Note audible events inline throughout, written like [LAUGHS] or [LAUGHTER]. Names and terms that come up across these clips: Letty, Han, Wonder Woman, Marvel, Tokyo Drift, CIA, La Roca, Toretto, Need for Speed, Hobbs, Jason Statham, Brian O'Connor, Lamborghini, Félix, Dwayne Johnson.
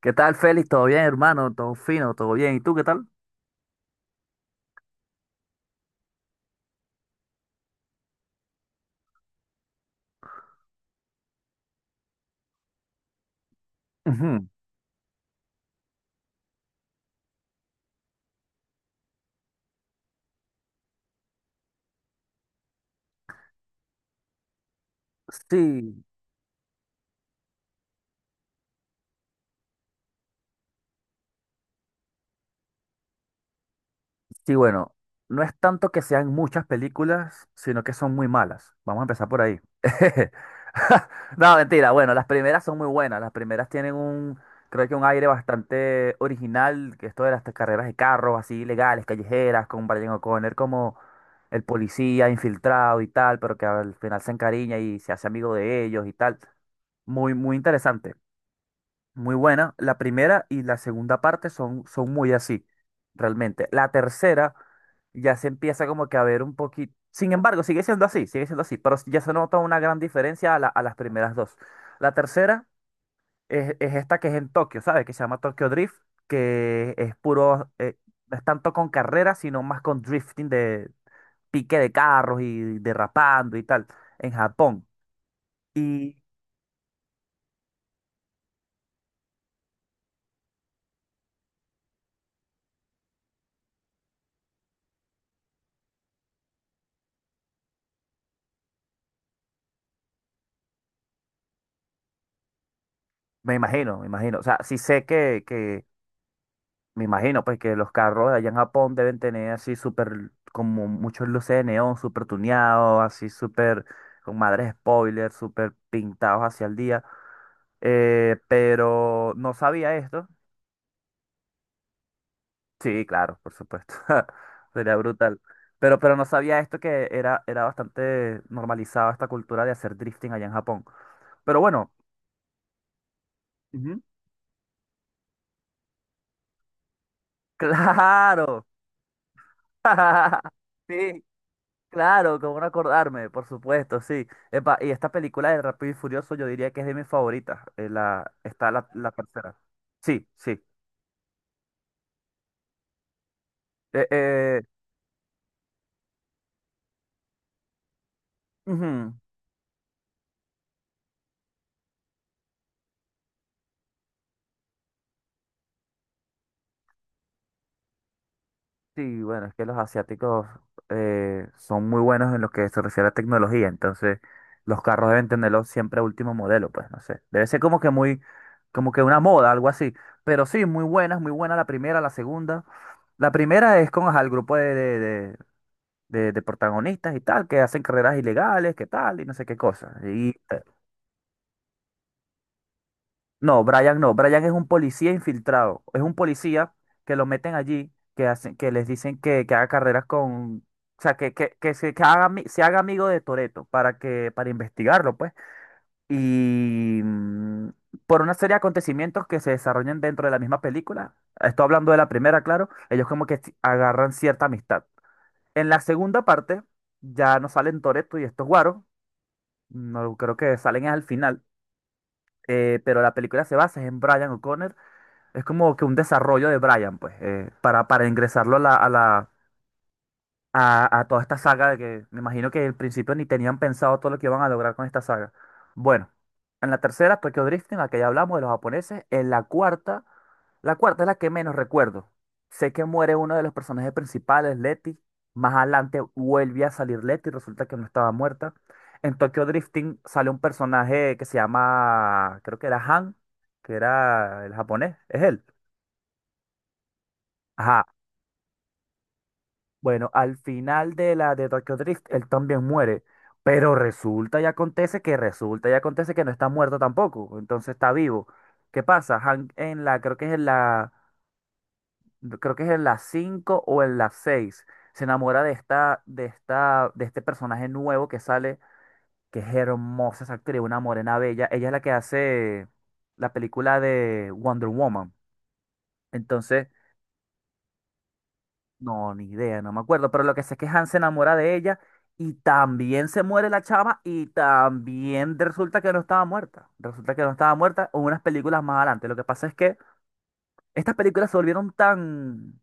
¿Qué tal, Félix? ¿Todo bien, hermano? ¿Todo fino? ¿Todo bien? ¿Y tú qué tal? Ujú. Sí, sí, bueno, no es tanto que sean muchas películas, sino que son muy malas. Vamos a empezar por ahí. [LAUGHS] No, mentira, bueno, las primeras son muy buenas. Las primeras tienen creo que un aire bastante original, que esto de las carreras de carros así legales, callejeras, con Brian O'Connor como el policía infiltrado y tal, pero que al final se encariña y se hace amigo de ellos y tal. Muy interesante. Muy buena. La primera y la segunda parte son muy así, realmente. La tercera ya se empieza como que a ver un poquito. Sin embargo, sigue siendo así, pero ya se nota una gran diferencia a, a las primeras dos. La tercera es esta que es en Tokio, ¿sabes? Que se llama Tokyo Drift, que es puro, no es tanto con carreras, sino más con drifting de pique de carros y derrapando y tal, en Japón. Y me imagino, me imagino. O sea, sí sé que me imagino, pues, que los carros de allá en Japón deben tener así súper, como muchos luces de neón, súper tuneados, así súper, con madres spoilers súper pintados hacia el día. Pero no sabía esto. Sí, claro, por supuesto. [LAUGHS] Sería brutal. Pero no sabía esto que era bastante normalizada esta cultura de hacer drifting allá en Japón. Pero bueno, ujú, claro. [LAUGHS] Sí, claro, cómo no acordarme, por supuesto, sí. Epa, y esta película de Rápido y Furioso yo diría que es de mis favoritas. Está la tercera. Sí, sí. Eh, eh, ujú. Sí, bueno, es que los asiáticos son muy buenos en lo que se refiere a tecnología, entonces los carros deben tenerlo siempre a último modelo, pues no sé. Debe ser como que muy, como que una moda, algo así. Pero sí, muy buenas, muy buena la primera, la segunda. La primera es con ajá, el grupo de protagonistas y tal, que hacen carreras ilegales, que tal, y no sé qué cosa. Y no, Brian no, Brian es un policía infiltrado, es un policía que lo meten allí, que hacen, que les dicen que haga carreras con, o sea, que se, que haga, se haga amigo de Toretto para que, para investigarlo, pues. Y por una serie de acontecimientos que se desarrollan dentro de la misma película, estoy hablando de la primera, claro, ellos como que si, agarran cierta amistad. En la segunda parte, ya no salen Toretto y estos guaros. No, creo que salen es al final, pero la película se basa en Brian O'Connor. Es como que un desarrollo de Brian, pues, para, ingresarlo a la, a toda esta saga de que me imagino que al principio ni tenían pensado todo lo que iban a lograr con esta saga. Bueno, en la tercera, Tokyo Drift, en la que ya hablamos de los japoneses, en la cuarta es la que menos recuerdo. Sé que muere uno de los personajes principales, Letty. Más adelante vuelve a salir Letty, resulta que no estaba muerta. En Tokyo Drifting sale un personaje que se llama, creo que era Han, que era el japonés, es él. Ajá, bueno, al final de la de Tokyo Drift, él también muere. Pero resulta y acontece que no está muerto tampoco. Entonces está vivo. ¿Qué pasa? Hank en creo que es en creo que es en la 5 o en la seis. Se enamora de esta, de este personaje nuevo que sale, que es hermosa esa actriz, una morena bella. Ella es la que hace la película de Wonder Woman. Entonces, no, ni idea, no me acuerdo, pero lo que sé es que Hans se enamora de ella y también se muere la chama y también resulta que no estaba muerta. Resulta que no estaba muerta o unas películas más adelante. Lo que pasa es que estas películas se volvieron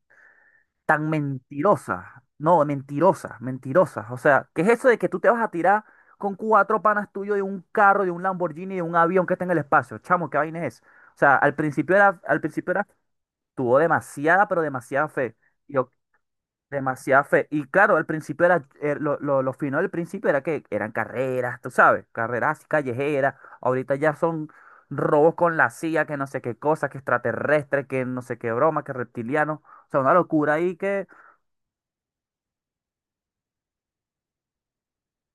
tan mentirosas. No, mentirosas. O sea, ¿qué es eso de que tú te vas a tirar con cuatro panas tuyos de un carro, de un Lamborghini, de un avión que está en el espacio? Chamo, ¿qué vaina es? O sea, al principio era, tuvo demasiada, pero demasiada fe. Demasiada fe. Y claro, al principio era, lo fino del principio era que eran carreras, tú sabes, carreras así callejeras. Ahorita ya son robos con la CIA, que no sé qué cosa, que extraterrestre, que no sé qué broma, que reptiliano. O sea, una locura ahí que...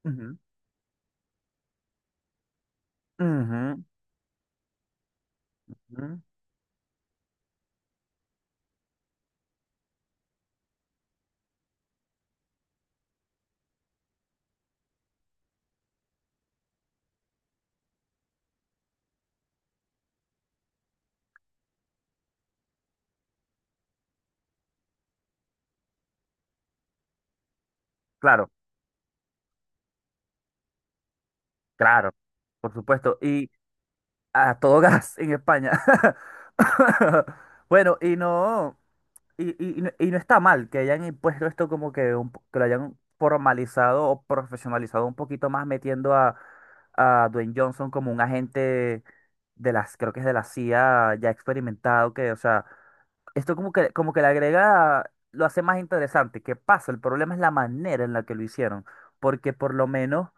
Ujú, ujú, ujú. Claro, claro, por supuesto. Y a todo [LAUGHS] gas en España. [LAUGHS] Bueno, y no. Y no está mal que hayan impuesto esto como que, que lo hayan formalizado o profesionalizado un poquito más metiendo a Dwayne Johnson como un agente de las, creo que es de la CIA ya experimentado, que, o sea, esto como como que le agrega, lo hace más interesante. ¿Qué pasa? El problema es la manera en la que lo hicieron, porque por lo menos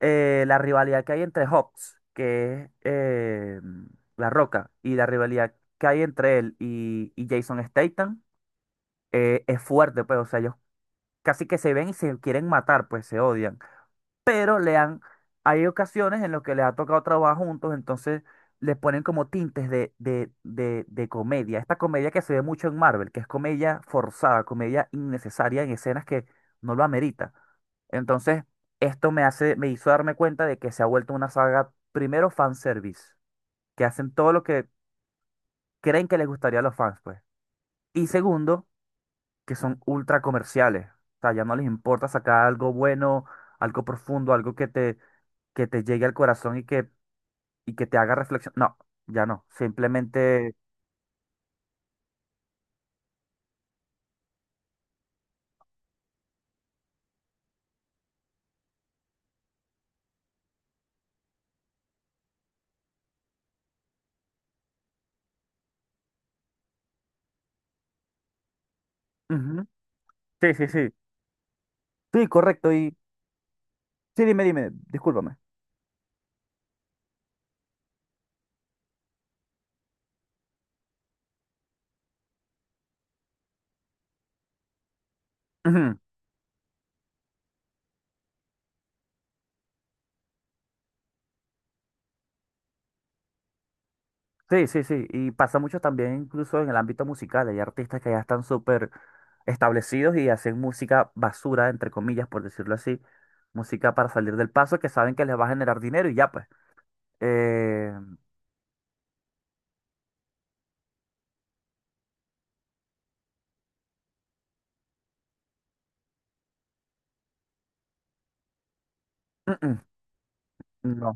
la rivalidad que hay entre Hobbs, que es La Roca, y la rivalidad que hay entre él y Jason Statham es fuerte, pues, o sea, ellos casi que se ven y se quieren matar, pues se odian. Pero le han, hay ocasiones en las que les ha tocado trabajar juntos, entonces les ponen como tintes de comedia. Esta comedia que se ve mucho en Marvel, que es comedia forzada, comedia innecesaria en escenas que no lo amerita. Entonces, esto me hace, me hizo darme cuenta de que se ha vuelto una saga, primero, fanservice, que hacen todo lo que creen que les gustaría a los fans, pues. Y segundo, que son ultra comerciales. O sea, ya no les importa sacar algo bueno, algo profundo, algo que te llegue al corazón y que te haga reflexión. No, ya no. Simplemente. Ujú. Sí, sí, sí. Sí, correcto. Y sí, dime, discúlpame. Ujú. Sí, sí, sí. Y pasa mucho también incluso en el ámbito musical. Hay artistas que ya están súper establecidos y hacen música basura, entre comillas, por decirlo así. Música para salir del paso que saben que les va a generar dinero y ya pues. Eh, mm, mm, No.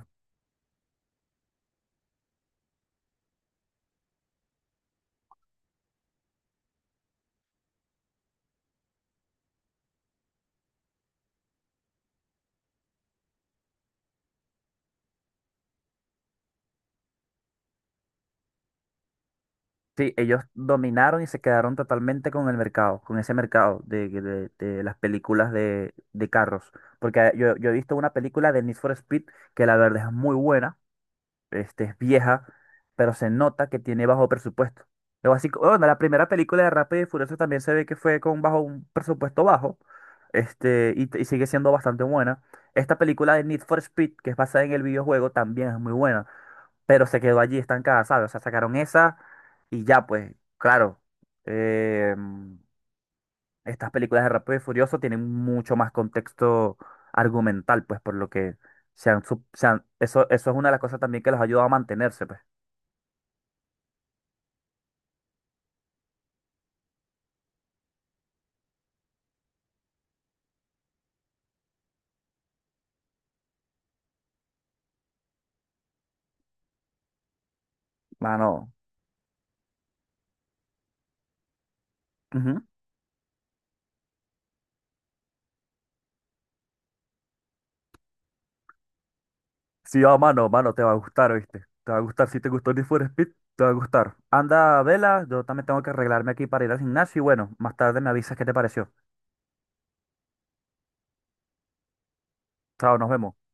Sí, ellos dominaron y se quedaron totalmente con el mercado, con ese mercado de las películas de carros. Porque yo he visto una película de Need for Speed que la verdad es muy buena, este, es vieja, pero se nota que tiene bajo presupuesto. Luego, así, bueno, la primera película de Rápido y Furioso también se ve que fue con bajo un presupuesto bajo, este, y sigue siendo bastante buena. Esta película de Need for Speed, que es basada en el videojuego, también es muy buena, pero se quedó allí estancada, ¿sabes? O sea, sacaron esa y ya, pues, claro. em, Estas películas de Rápido y Furioso tienen mucho más contexto argumental, pues, por lo que se han- eso es una de las cosas también que los ayuda a mantenerse, pues. Mano. Ujú. Sí, ah, mano, mano, te va a gustar, ¿viste? Te va a gustar. Si te gustó Need for Speed, te va a gustar. Anda, vela, yo también tengo que arreglarme aquí para ir al gimnasio y bueno, más tarde me avisas qué te pareció. Chao, nos vemos.